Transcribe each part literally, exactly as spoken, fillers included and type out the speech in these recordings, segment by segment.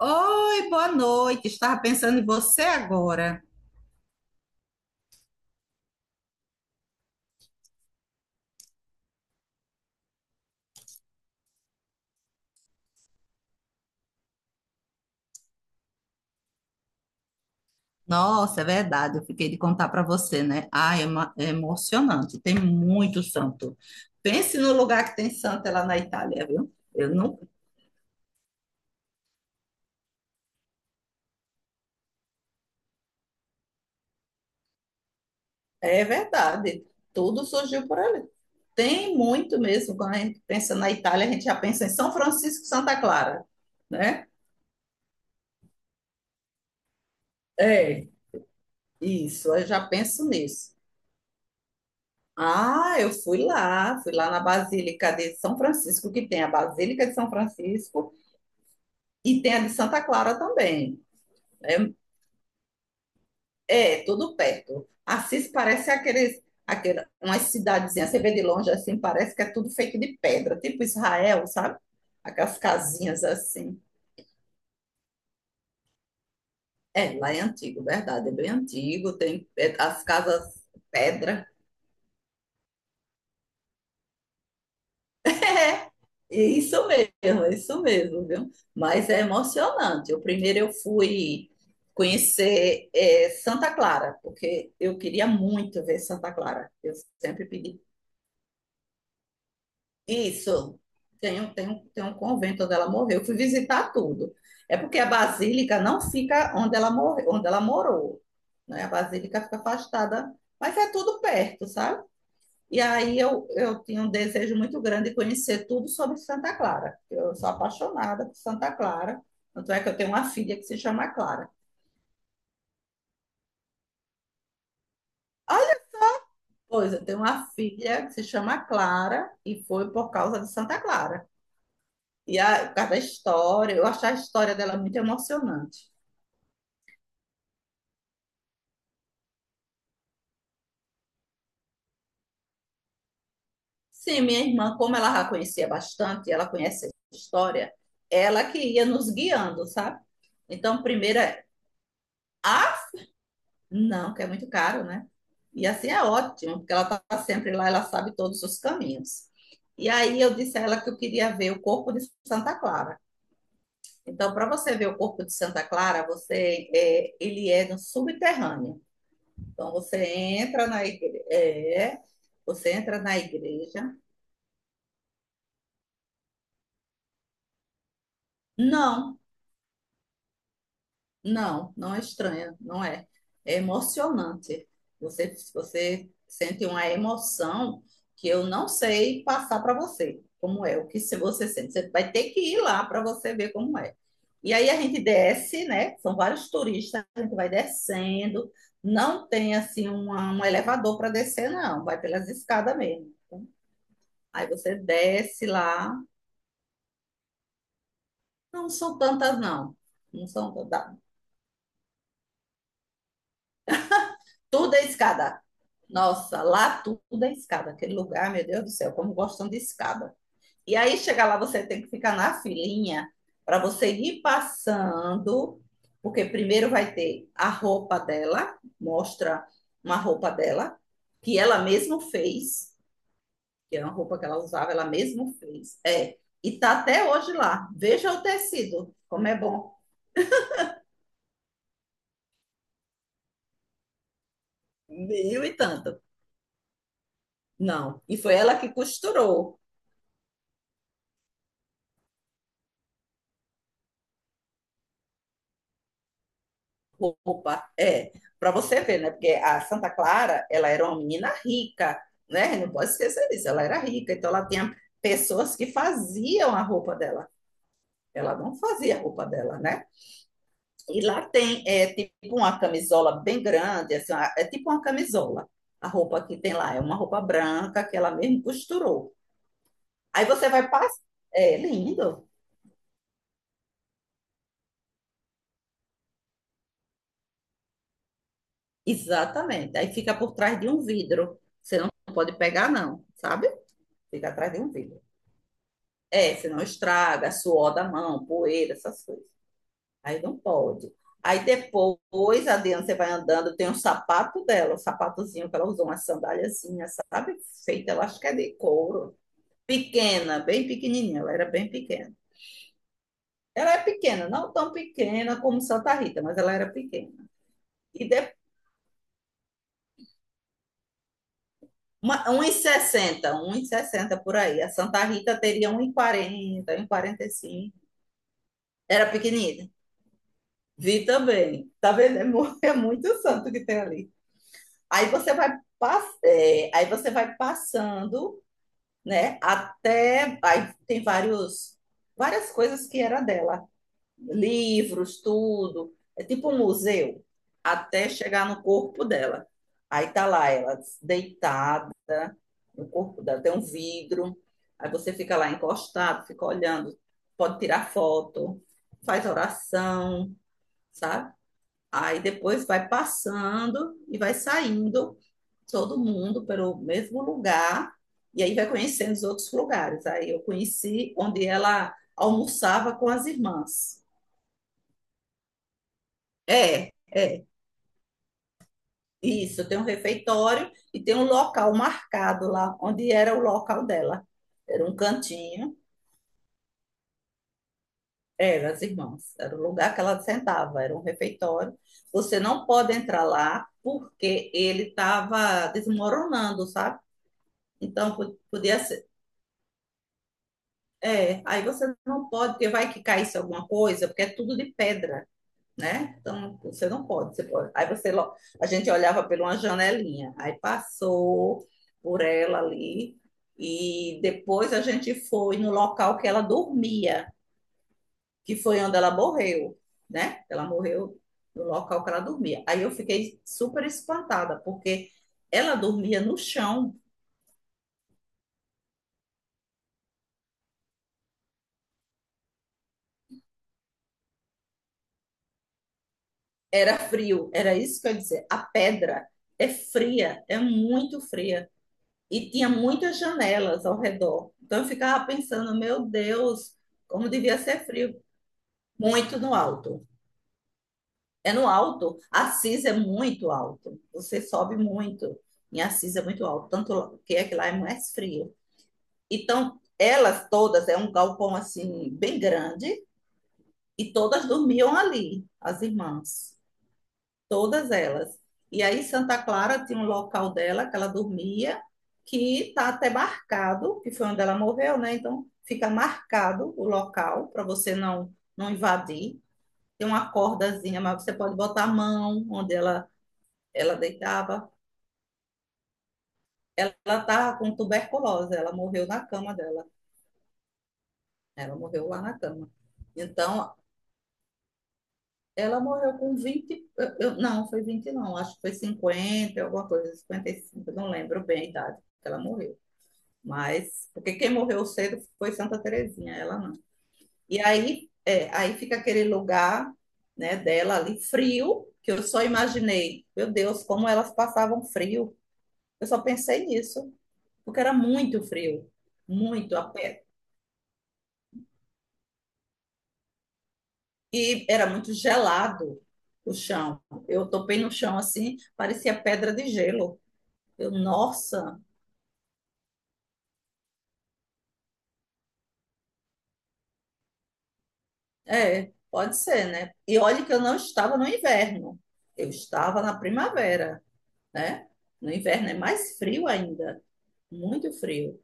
Oi, boa noite. Estava pensando em você agora. Nossa, é verdade. Eu fiquei de contar para você, né? Ah, é, uma- é emocionante. Tem muito santo. Pense no lugar que tem santo é lá na Itália, viu? Eu não... É verdade. Tudo surgiu por ali. Tem muito mesmo. Quando a gente pensa na Itália, a gente já pensa em São Francisco e Santa Clara, né? É, isso. Eu já penso nisso. Ah, eu fui lá, fui lá na Basílica de São Francisco, que tem a Basílica de São Francisco e tem a de Santa Clara também. É, é tudo perto. Assis parece aqueles, aquele, umas cidadezinhas, você vê de longe assim, parece que é tudo feito de pedra, tipo Israel, sabe? Aquelas casinhas assim. É, lá é antigo, verdade, é bem antigo, tem é, as casas pedra. É, é isso mesmo, é isso mesmo, viu? Mas é emocionante. O primeiro eu fui conhecer é, Santa Clara, porque eu queria muito ver Santa Clara. Eu sempre pedi. Isso, tem, um- tem, um- tem um convento onde ela morreu. Eu fui visitar tudo. É porque a basílica não fica onde ela, morre, onde ela morou, né? A basílica fica afastada, mas é tudo perto, sabe? E aí eu, eu tinha um desejo muito grande de conhecer tudo sobre Santa Clara. Eu sou apaixonada por Santa Clara. Tanto é que eu tenho uma filha que se chama Clara. Olha, pois, eu tenho uma filha que se chama Clara e foi por causa de Santa Clara. E a, por causa da história, eu achei a história dela muito emocionante. Sim, minha irmã, como ela já conhecia bastante, ela conhece a história, ela que ia nos guiando, sabe? Então, primeiro, a Não, que é muito caro, né? E assim é ótimo, porque ela está sempre lá, ela sabe todos os caminhos. E aí eu disse a ela que eu queria ver o corpo de Santa Clara. Então, para você ver o corpo de Santa Clara, você é, ele é no subterrâneo. Então, você entra na igreja, é, você entra na igreja. Não, não, não é estranha, não é. É emocionante. Você, você sente uma emoção que eu não sei passar para você, como é, o que se você sente. Você vai ter que ir lá para você ver como é. E aí a gente desce, né? São vários turistas, a gente vai descendo. Não tem assim uma, um elevador para descer, não. Vai pelas escadas mesmo. Então, Aí você desce lá. Não são tantas, não. Não são tantas. Tudo é escada. Nossa, lá tudo é escada. Aquele lugar, meu Deus do céu, como gostam de escada. E aí, chegar lá, você tem que ficar na filinha para você ir passando, porque primeiro vai ter a roupa dela, mostra uma roupa dela, que ela mesma fez, que é uma roupa que ela usava, ela mesma fez. É, e tá até hoje lá. Veja o tecido, como é bom. Mil e tanto. Não, e foi ela que costurou. Opa, é. Para você ver, né? Porque a Santa Clara, ela era uma menina rica, né? Não pode esquecer disso. Ela era rica, então ela tinha pessoas que faziam a roupa dela. Ela não fazia a roupa dela, né? E lá tem é, tipo uma camisola bem grande, assim, uma- é tipo uma camisola. A roupa que tem lá é uma roupa branca que ela mesmo costurou. Aí você vai passar. É lindo. Exatamente. Aí fica por trás de um vidro. Você não pode pegar, não, sabe? Fica atrás de um vidro. É, senão estraga, suor da mão, poeira, essas coisas. Aí não pode. Aí depois, adiante, você vai andando, tem um sapato dela, um sapatozinho que ela usou, uma sandáliazinha, sabe? Feita, ela acho que é de couro. Pequena, bem pequenininha, ela era bem pequena. Ela é pequena, não tão pequena como Santa Rita, mas ela era pequena. E de, uma, um metro e sessenta, sessenta um e sessenta por aí. A Santa Rita teria um 1,40, um metro e quarenta e cinco. Era pequenina. Vi também. Tá vendo? É, mu- é muito santo que tem ali. Aí você vai, pass- é, aí você vai passando, né? Até. Aí tem vários, várias coisas que era dela. Livros, tudo. É tipo um museu. Até chegar no corpo dela. Aí tá lá ela deitada no corpo dela. Tem um vidro. Aí você fica lá encostado, fica olhando. Pode tirar foto, faz oração, sabe? Aí depois vai passando e vai saindo todo mundo pelo mesmo lugar e aí vai conhecendo os outros lugares. Aí eu conheci onde ela almoçava com as irmãs. É, é, isso. Tem um refeitório e tem um local marcado lá, onde era o local dela. Era um cantinho, era as irmãs, era o lugar que ela sentava, era um refeitório. Você não pode entrar lá porque ele estava desmoronando, sabe? Então, po- podia ser. É, aí você não pode, porque vai que caísse alguma coisa, porque é tudo de pedra, né? Então, você não pode. Você pode. Aí você, lo- a gente olhava por uma janelinha, aí passou por ela ali, e depois a gente foi no local que ela dormia, que foi onde ela morreu, né? Ela morreu no local que ela dormia. Aí eu fiquei super espantada, porque ela dormia no chão. Era frio, era isso que eu ia dizer. A pedra é fria, é muito fria. E tinha muitas janelas ao redor. Então eu ficava pensando, meu Deus, como devia ser frio. Muito no alto. É no alto. Assis é muito alto. Você sobe muito. Em Assis é muito alto. Tanto que é que lá é mais frio. Então, elas todas, é um galpão assim, bem grande. E todas dormiam ali, as irmãs, todas elas. E aí Santa Clara tinha um local dela que ela dormia, que está até marcado, que foi onde ela morreu, né? Então fica marcado o local para você não não invadir. Tem uma cordazinha, mas você pode botar a mão onde ela ela deitava. Ela estava com tuberculose, ela morreu na cama dela. Ela morreu lá na cama. Então, ela morreu com vinte eu- não, foi vinte não, acho que foi cinquenta alguma coisa, cinquenta e cinco, não lembro bem a idade que ela morreu. Mas, porque quem morreu cedo foi Santa Terezinha, ela não. E aí, é, aí fica aquele lugar, né, dela ali frio, que eu só imaginei, meu Deus, como elas passavam frio. Eu só pensei nisso, porque era muito frio, muito a pé. E era muito gelado o chão. Eu topei no chão assim, parecia pedra de gelo. Eu, nossa, é, pode ser, né? E olha que eu não estava no inverno, eu estava na primavera, né? No inverno é mais frio ainda, muito frio.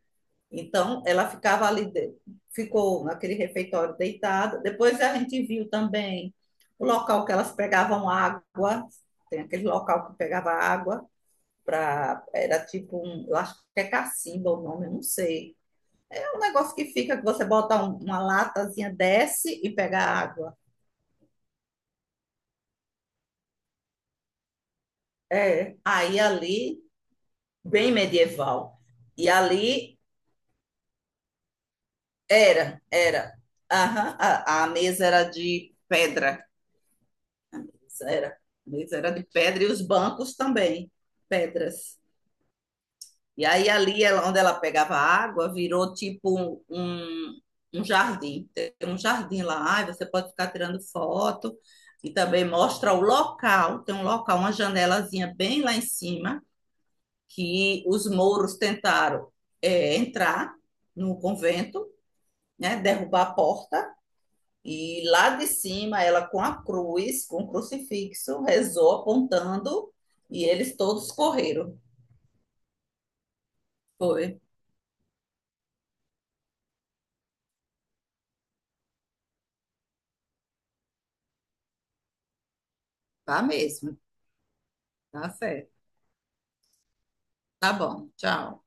Então, ela ficava ali, de- Ficou naquele refeitório deitada. Depois a gente viu também o local que elas pegavam água, tem aquele local que pegava água, para era tipo um, eu acho que é cacimba o nome, eu não sei. É um negócio que fica que você bota um- uma latazinha, desce e pega água. É, aí ali bem medieval. E ali era, era. Aham, a, a mesa era de pedra. Era. A mesa era de pedra e os bancos também, pedras. E aí ali ela- onde ela pegava água, virou tipo um, um um jardim. Tem um jardim lá, aí você pode ficar tirando foto e também mostra o local. Tem um local, uma janelazinha bem lá em cima, que os mouros tentaram eh, entrar no convento, né, derrubar a porta. E lá de cima, ela com a cruz, com o crucifixo, rezou apontando e eles todos correram. Foi, tá mesmo, tá certo. Tá bom, tchau.